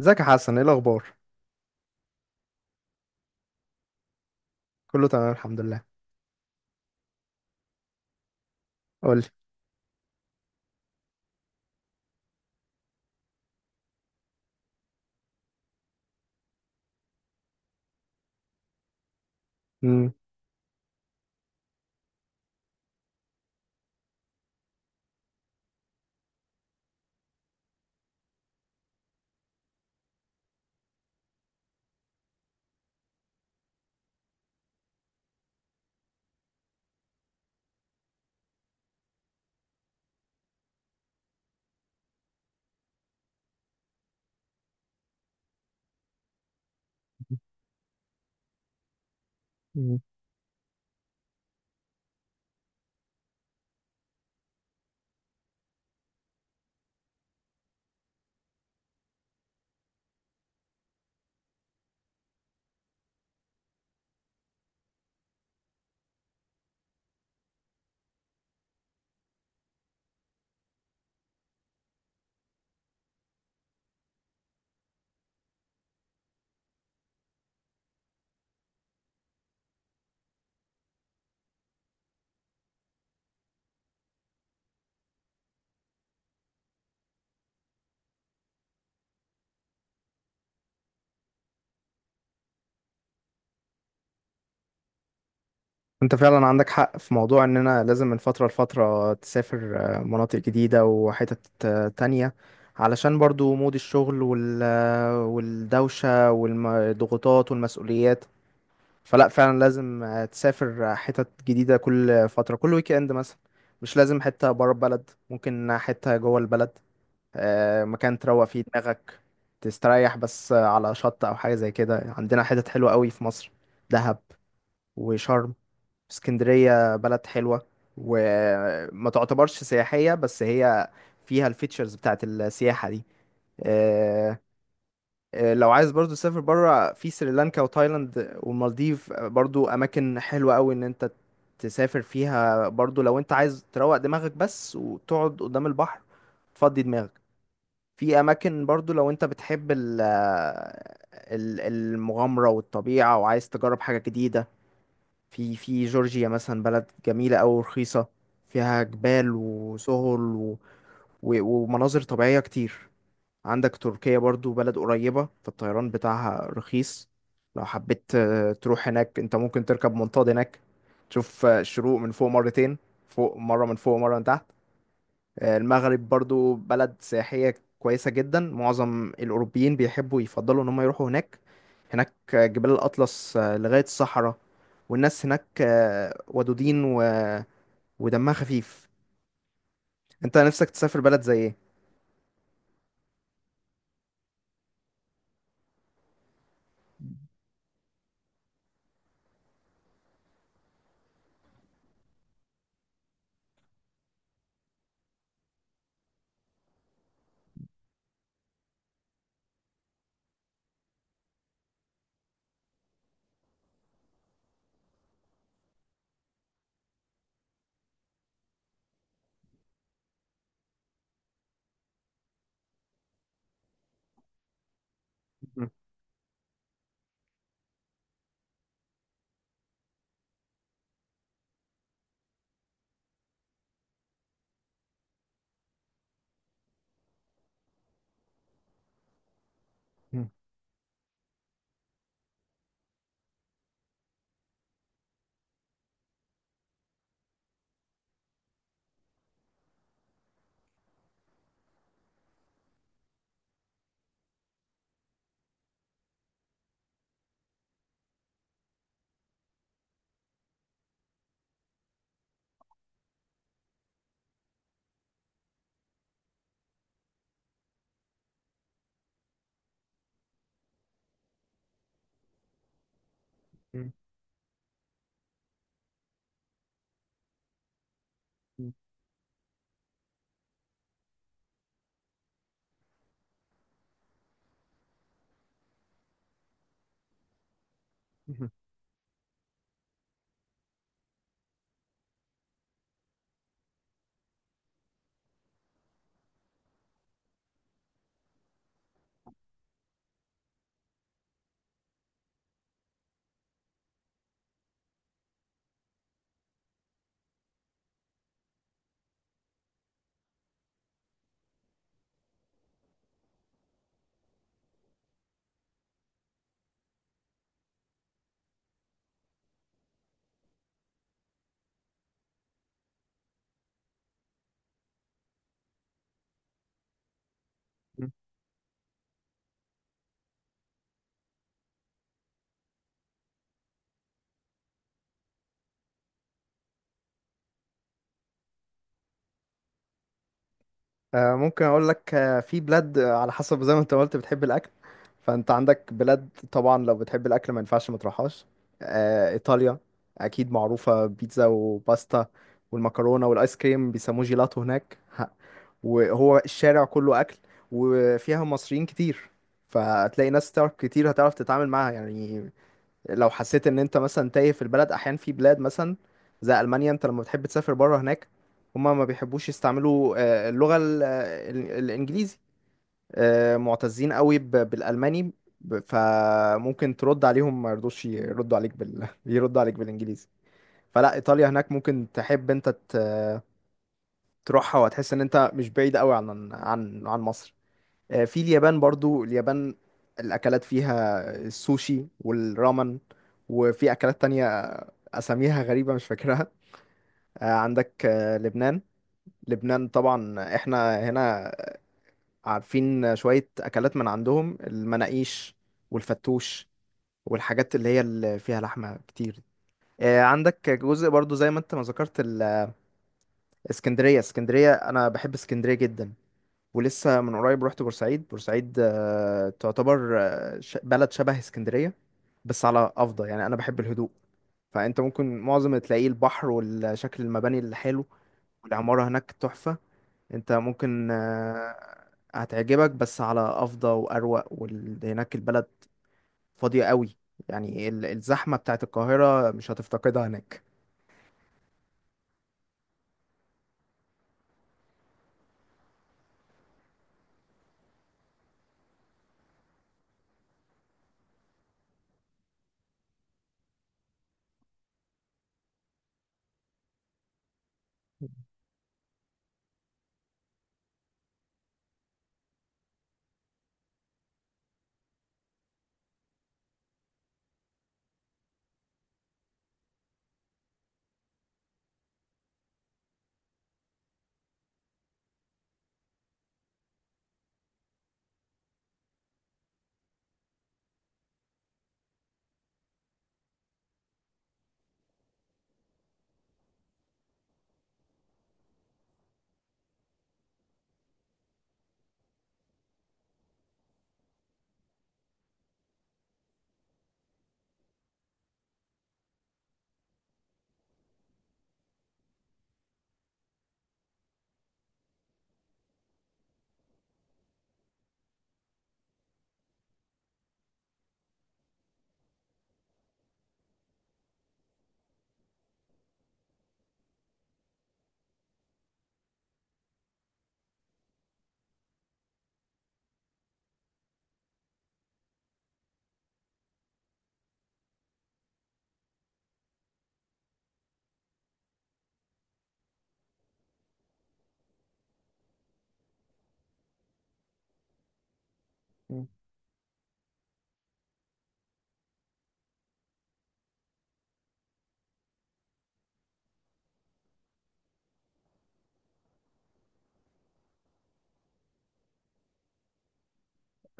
ازيك يا حسن، ايه الاخبار؟ كله تمام الحمد لله. قول لي. مم. مم. انت فعلا عندك حق في موضوع اننا لازم من فتره لفتره تسافر مناطق جديده وحتت تانية. علشان برضو مود الشغل وال آه، والدوشه والضغوطات والمسؤوليات. فلا فعلا لازم تسافر حتت جديده كل فتره، كل ويك اند مثلا. مش لازم حته بره البلد، ممكن حته جوه البلد. مكان تروق فيه دماغك. تستريح بس على شط او حاجه زي كده. عندنا حتت حلوه قوي في مصر: دهب، وشرم، اسكندريه بلد حلوه، وما تعتبرش سياحيه بس هي فيها الفيتشرز بتاعت السياحه دي. آه، لو عايز برضو تسافر بره، في سريلانكا وتايلاند والمالديف، برضو اماكن حلوه قوي ان انت تسافر فيها. برضو لو انت عايز تروق دماغك بس وتقعد قدام البحر تفضي دماغك. في اماكن برضو، لو انت بتحب المغامرة والطبيعة وعايز تجرب حاجة جديدة. في جورجيا مثلا، بلد جميلة أوي ورخيصة. فيها جبال وسهول ومناظر طبيعية كتير. عندك تركيا برضو، بلد قريبة، فالطيران بتاعها رخيص. لو حبيت تروح هناك، انت ممكن تركب منطاد هناك. تشوف الشروق من فوق مرتين، فوق مرة من فوق ومرة من تحت. المغرب برضو بلد سياحية كويسة جدا. معظم الأوروبيين بيحبوا يفضلوا إن هم يروحوا هناك. هناك جبال الأطلس لغاية الصحراء. والناس هناك ودودين ودمها خفيف. أنت نفسك تسافر بلد زي إيه؟ ممكن اقول لك، في بلاد على حسب زي ما انت قلت بتحب الاكل. فانت عندك بلاد طبعا، لو بتحب الاكل ما ينفعش ما تروحهاش. ايطاليا اكيد معروفه بيتزا وباستا، والمكرونه والايس كريم بيسموه جيلاتو هناك. وهو الشارع كله اكل، وفيها مصريين كتير. فهتلاقي ناس تعرف كتير، هتعرف تتعامل معاها يعني. لو حسيت ان انت مثلا تايه في البلد. احيانا في بلاد مثلا زي المانيا، انت لما بتحب تسافر بره هناك، هما ما بيحبوش يستعملوا اللغه الانجليزي. معتزين قوي بالالماني. فممكن ترد عليهم ما يرضوش يردوا عليك يردوا عليك بالانجليزي. فلا ايطاليا هناك ممكن تحب انت تروحها، وهتحس ان انت مش بعيد قوي عن مصر. في اليابان برضو، اليابان الأكلات فيها السوشي والرامن، وفي أكلات تانية أساميها غريبة مش فاكرها. عندك لبنان. لبنان طبعا احنا هنا عارفين شوية أكلات من عندهم: المناقيش والفتوش، والحاجات اللي فيها لحمة كتير. عندك جزء برضو زي ما انت ما ذكرت اسكندرية. اسكندرية، انا بحب اسكندرية جدا. ولسه من قريب رحت بورسعيد. بورسعيد تعتبر بلد شبه اسكندرية، بس على أفضل يعني، أنا بحب الهدوء. فأنت ممكن معظم تلاقيه البحر والشكل المباني اللي حلو، والعمارة هناك تحفة. أنت ممكن هتعجبك، بس على أفضل وأروق، وهناك البلد فاضية قوي. يعني الزحمة بتاعت القاهرة مش هتفتقدها هناك. مم.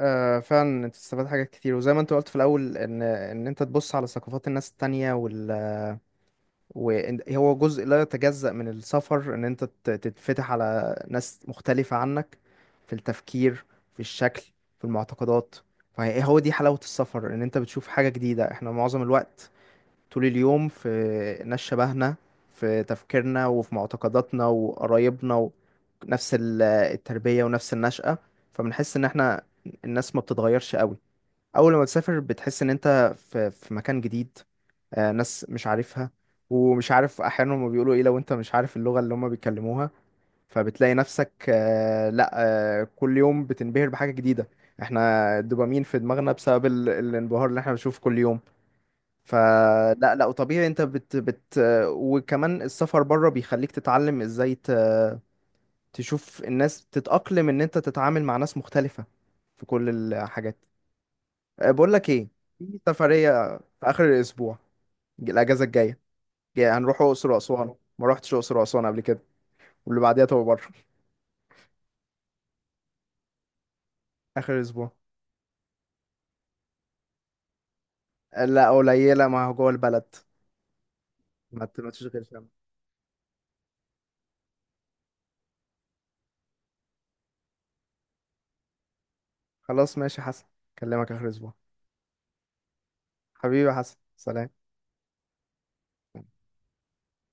آه فعلا، انت تستفاد حاجات كتير وزي ما انت قلت في الاول ان انت تبص على ثقافات الناس التانية، وهو جزء لا يتجزأ من السفر، ان انت تتفتح على ناس مختلفة عنك، في التفكير، في الشكل، في المعتقدات. فهو دي حلاوة السفر ان انت بتشوف حاجة جديدة. احنا معظم الوقت طول اليوم في ناس شبهنا، في تفكيرنا وفي معتقداتنا وقرايبنا، ونفس التربية ونفس النشأة. فبنحس ان احنا، الناس ما بتتغيرش قوي. اول لما تسافر بتحس ان انت في مكان جديد، ناس مش عارفها، ومش عارف احيانا هما بيقولوا ايه لو انت مش عارف اللغة اللي هما بيتكلموها. فبتلاقي نفسك، لا، كل يوم بتنبهر بحاجة جديدة. احنا الدوبامين في دماغنا بسبب الانبهار اللي احنا بنشوفه كل يوم. فلا لا، وطبيعي انت بت بت آه، وكمان السفر بره بيخليك تتعلم ازاي تشوف الناس تتأقلم، ان انت تتعامل مع ناس مختلفة في كل الحاجات. أه، بقول لك ايه، في سفرية في اخر الاسبوع، الاجازة الجاية. جاي هنروح اقصر واسوان، ما رحتش اقصر واسوان قبل كده. واللي بعديها تبقى بره. اخر الاسبوع. أه، لا قليلة، ما هو جوه البلد. ما تشغلش هم. خلاص ماشي يا حسن، اكلمك اخر الاسبوع. حبيبي يا حسن، سلام.